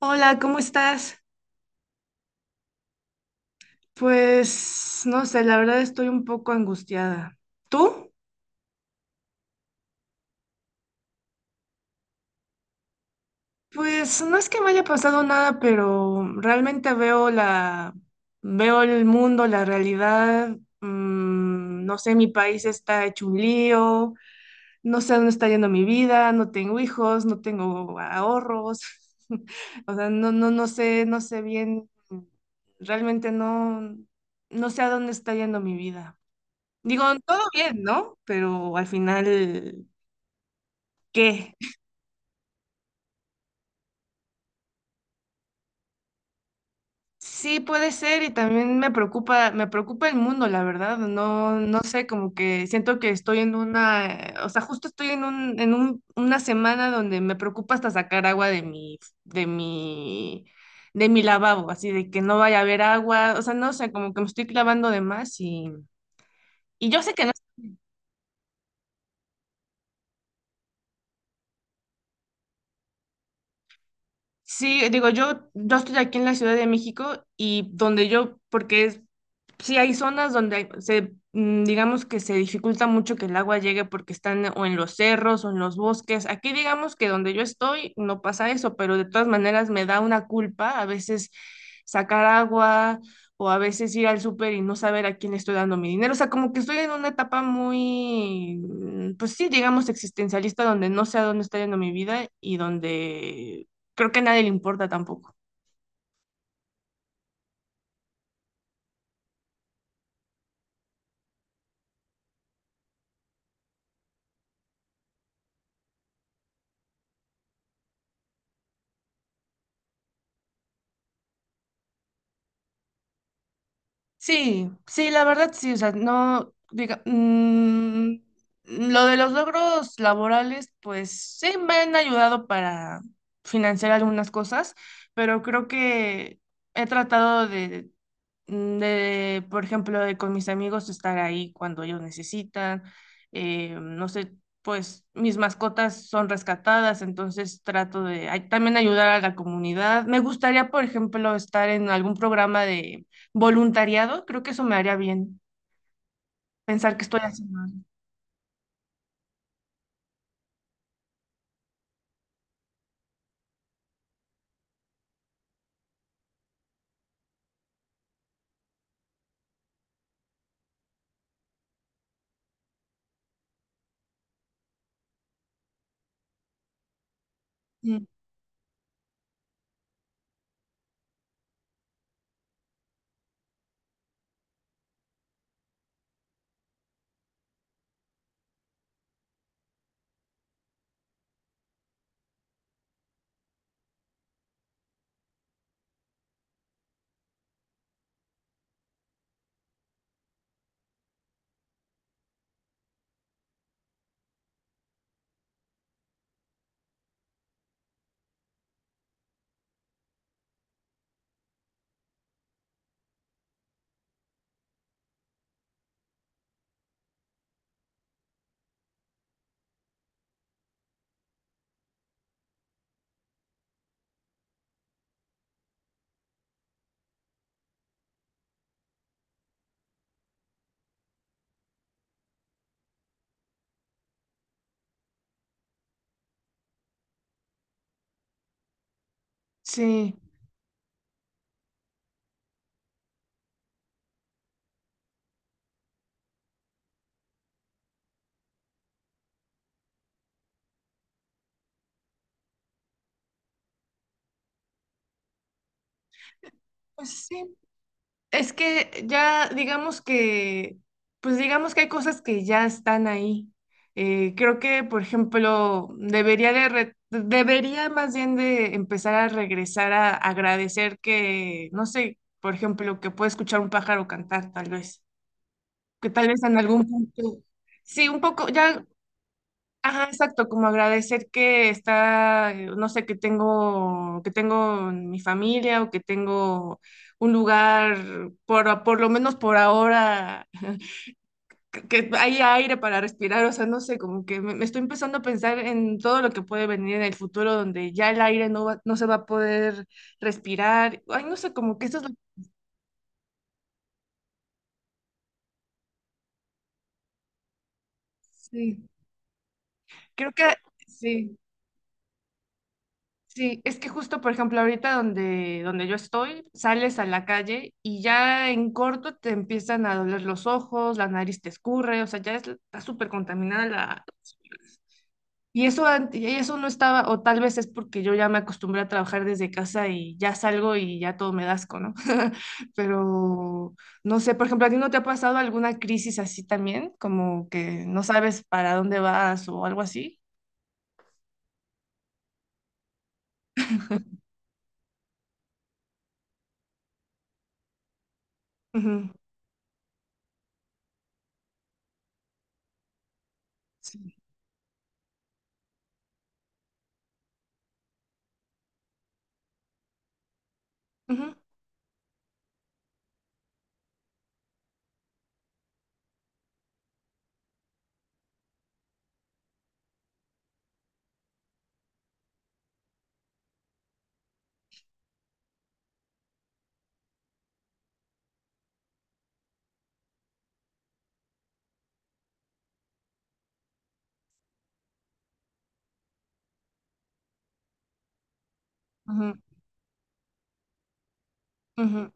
Hola, ¿cómo estás? Pues no sé, la verdad estoy un poco angustiada. ¿Tú? Pues no es que me haya pasado nada, pero realmente veo el mundo, la realidad. No sé, mi país está hecho un lío, no sé dónde está yendo mi vida, no tengo hijos, no tengo ahorros. O sea, no, no, no sé, no sé bien, realmente no sé a dónde está yendo mi vida. Digo, todo bien, ¿no? Pero al final, ¿qué? Sí puede ser, y también me preocupa el mundo, la verdad. No, no sé, como que siento que estoy en o sea, justo estoy en una semana donde me preocupa hasta sacar agua de mi, de mi lavabo, así de que no vaya a haber agua. O sea, no sé, como que me estoy clavando de más, y yo sé que. Sí, digo, yo estoy aquí en la Ciudad de México, y donde yo, porque es, sí hay zonas donde digamos que se dificulta mucho que el agua llegue porque están o en los cerros o en los bosques. Aquí digamos que donde yo estoy no pasa eso, pero de todas maneras me da una culpa a veces sacar agua, o a veces ir al súper y no saber a quién le estoy dando mi dinero. O sea, como que estoy en una etapa pues sí, digamos existencialista, donde no sé a dónde está yendo mi vida y donde creo que a nadie le importa tampoco. Sí, sí, la verdad sí, o sea, no, diga, mm, lo de los logros laborales, pues sí me han ayudado para financiar algunas cosas, pero creo que he tratado de por ejemplo, de con mis amigos estar ahí cuando ellos necesitan. No sé, pues mis mascotas son rescatadas, entonces trato de también ayudar a la comunidad. Me gustaría, por ejemplo, estar en algún programa de voluntariado. Creo que eso me haría bien, pensar que estoy haciendo algo. Mm. Sí. Pues sí. Es que ya pues digamos que hay cosas que ya están ahí. Creo que, por ejemplo, debería más bien de empezar a regresar a agradecer que, no sé, por ejemplo, que puede escuchar un pájaro cantar, tal vez, que tal vez en algún punto, sí, un poco, ya. Ajá, exacto, como agradecer que no sé, que tengo mi familia, o que tengo un lugar, por lo menos por ahora, que hay aire para respirar. O sea, no sé, como que me estoy empezando a pensar en todo lo que puede venir en el futuro, donde ya el aire no se va a poder respirar. Ay, no sé, como que eso es lo. Sí, creo que sí. Sí, es que justo, por ejemplo, ahorita donde yo estoy, sales a la calle y ya en corto te empiezan a doler los ojos, la nariz te escurre. O sea, está súper contaminada la... Y eso, y eso no estaba, o tal vez es porque yo ya me acostumbré a trabajar desde casa, y ya salgo y ya todo me da asco, ¿no? Pero no sé, por ejemplo, ¿a ti no te ha pasado alguna crisis así también? Como que no sabes para dónde vas o algo así. Ujú. Sí. Ujú, ujú, ujú.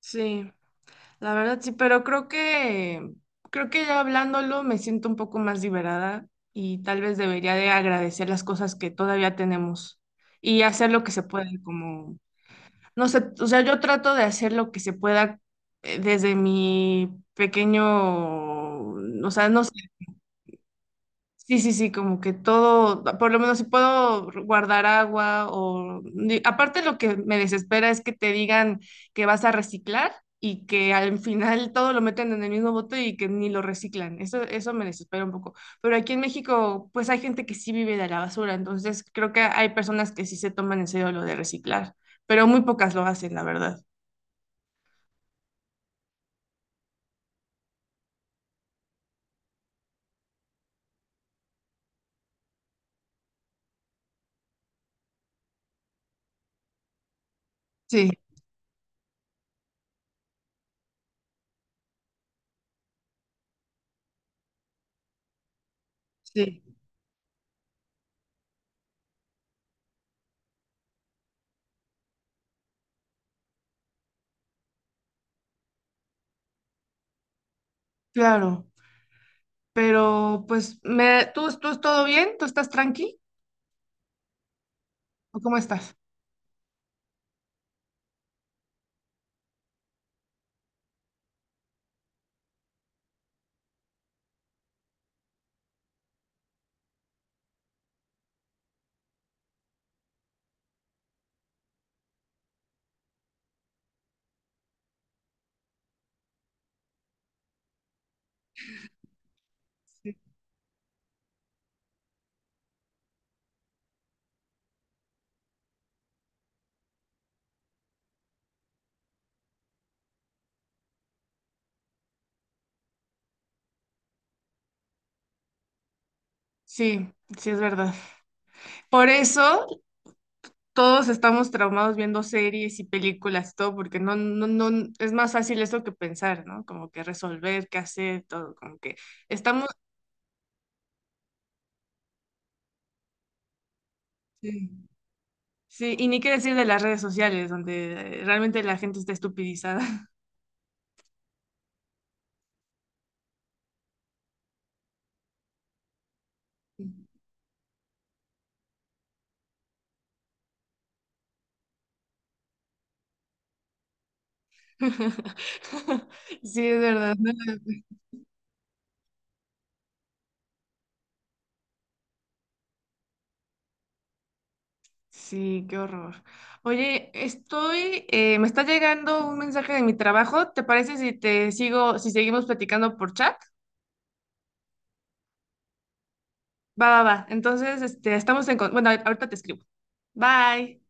Sí, la verdad sí, pero creo que ya hablándolo me siento un poco más liberada, y tal vez debería de agradecer las cosas que todavía tenemos, y hacer lo que se puede, como, no sé. O sea, yo trato de hacer lo que se pueda, desde mi pequeño, o sea, no. Sí, sí, sí, como que todo, por lo menos si puedo guardar agua o... Aparte lo que me desespera es que te digan que vas a reciclar y que al final todo lo meten en el mismo bote y que ni lo reciclan. Eso me desespera un poco. Pero aquí en México, pues hay gente que sí vive de la basura, entonces creo que hay personas que sí se toman en serio lo de reciclar, pero muy pocas lo hacen, la verdad. Sí, sí, claro. Pero pues, tú todo bien? ¿Tú estás tranqui? ¿O cómo estás? Sí, sí es verdad. Por eso todos estamos traumados viendo series y películas, y todo, porque no, no, no, es más fácil eso que pensar, ¿no? Como que resolver, qué hacer, todo, como que estamos, sí, sí, y ni qué decir de las redes sociales, donde realmente la gente está estupidizada. Sí, es verdad. No la- Sí, qué horror. Oye, me está llegando un mensaje de mi trabajo. ¿Te parece si te sigo, si seguimos platicando por chat? Va, va, va. Entonces, este, Bueno, ahorita te escribo. Bye.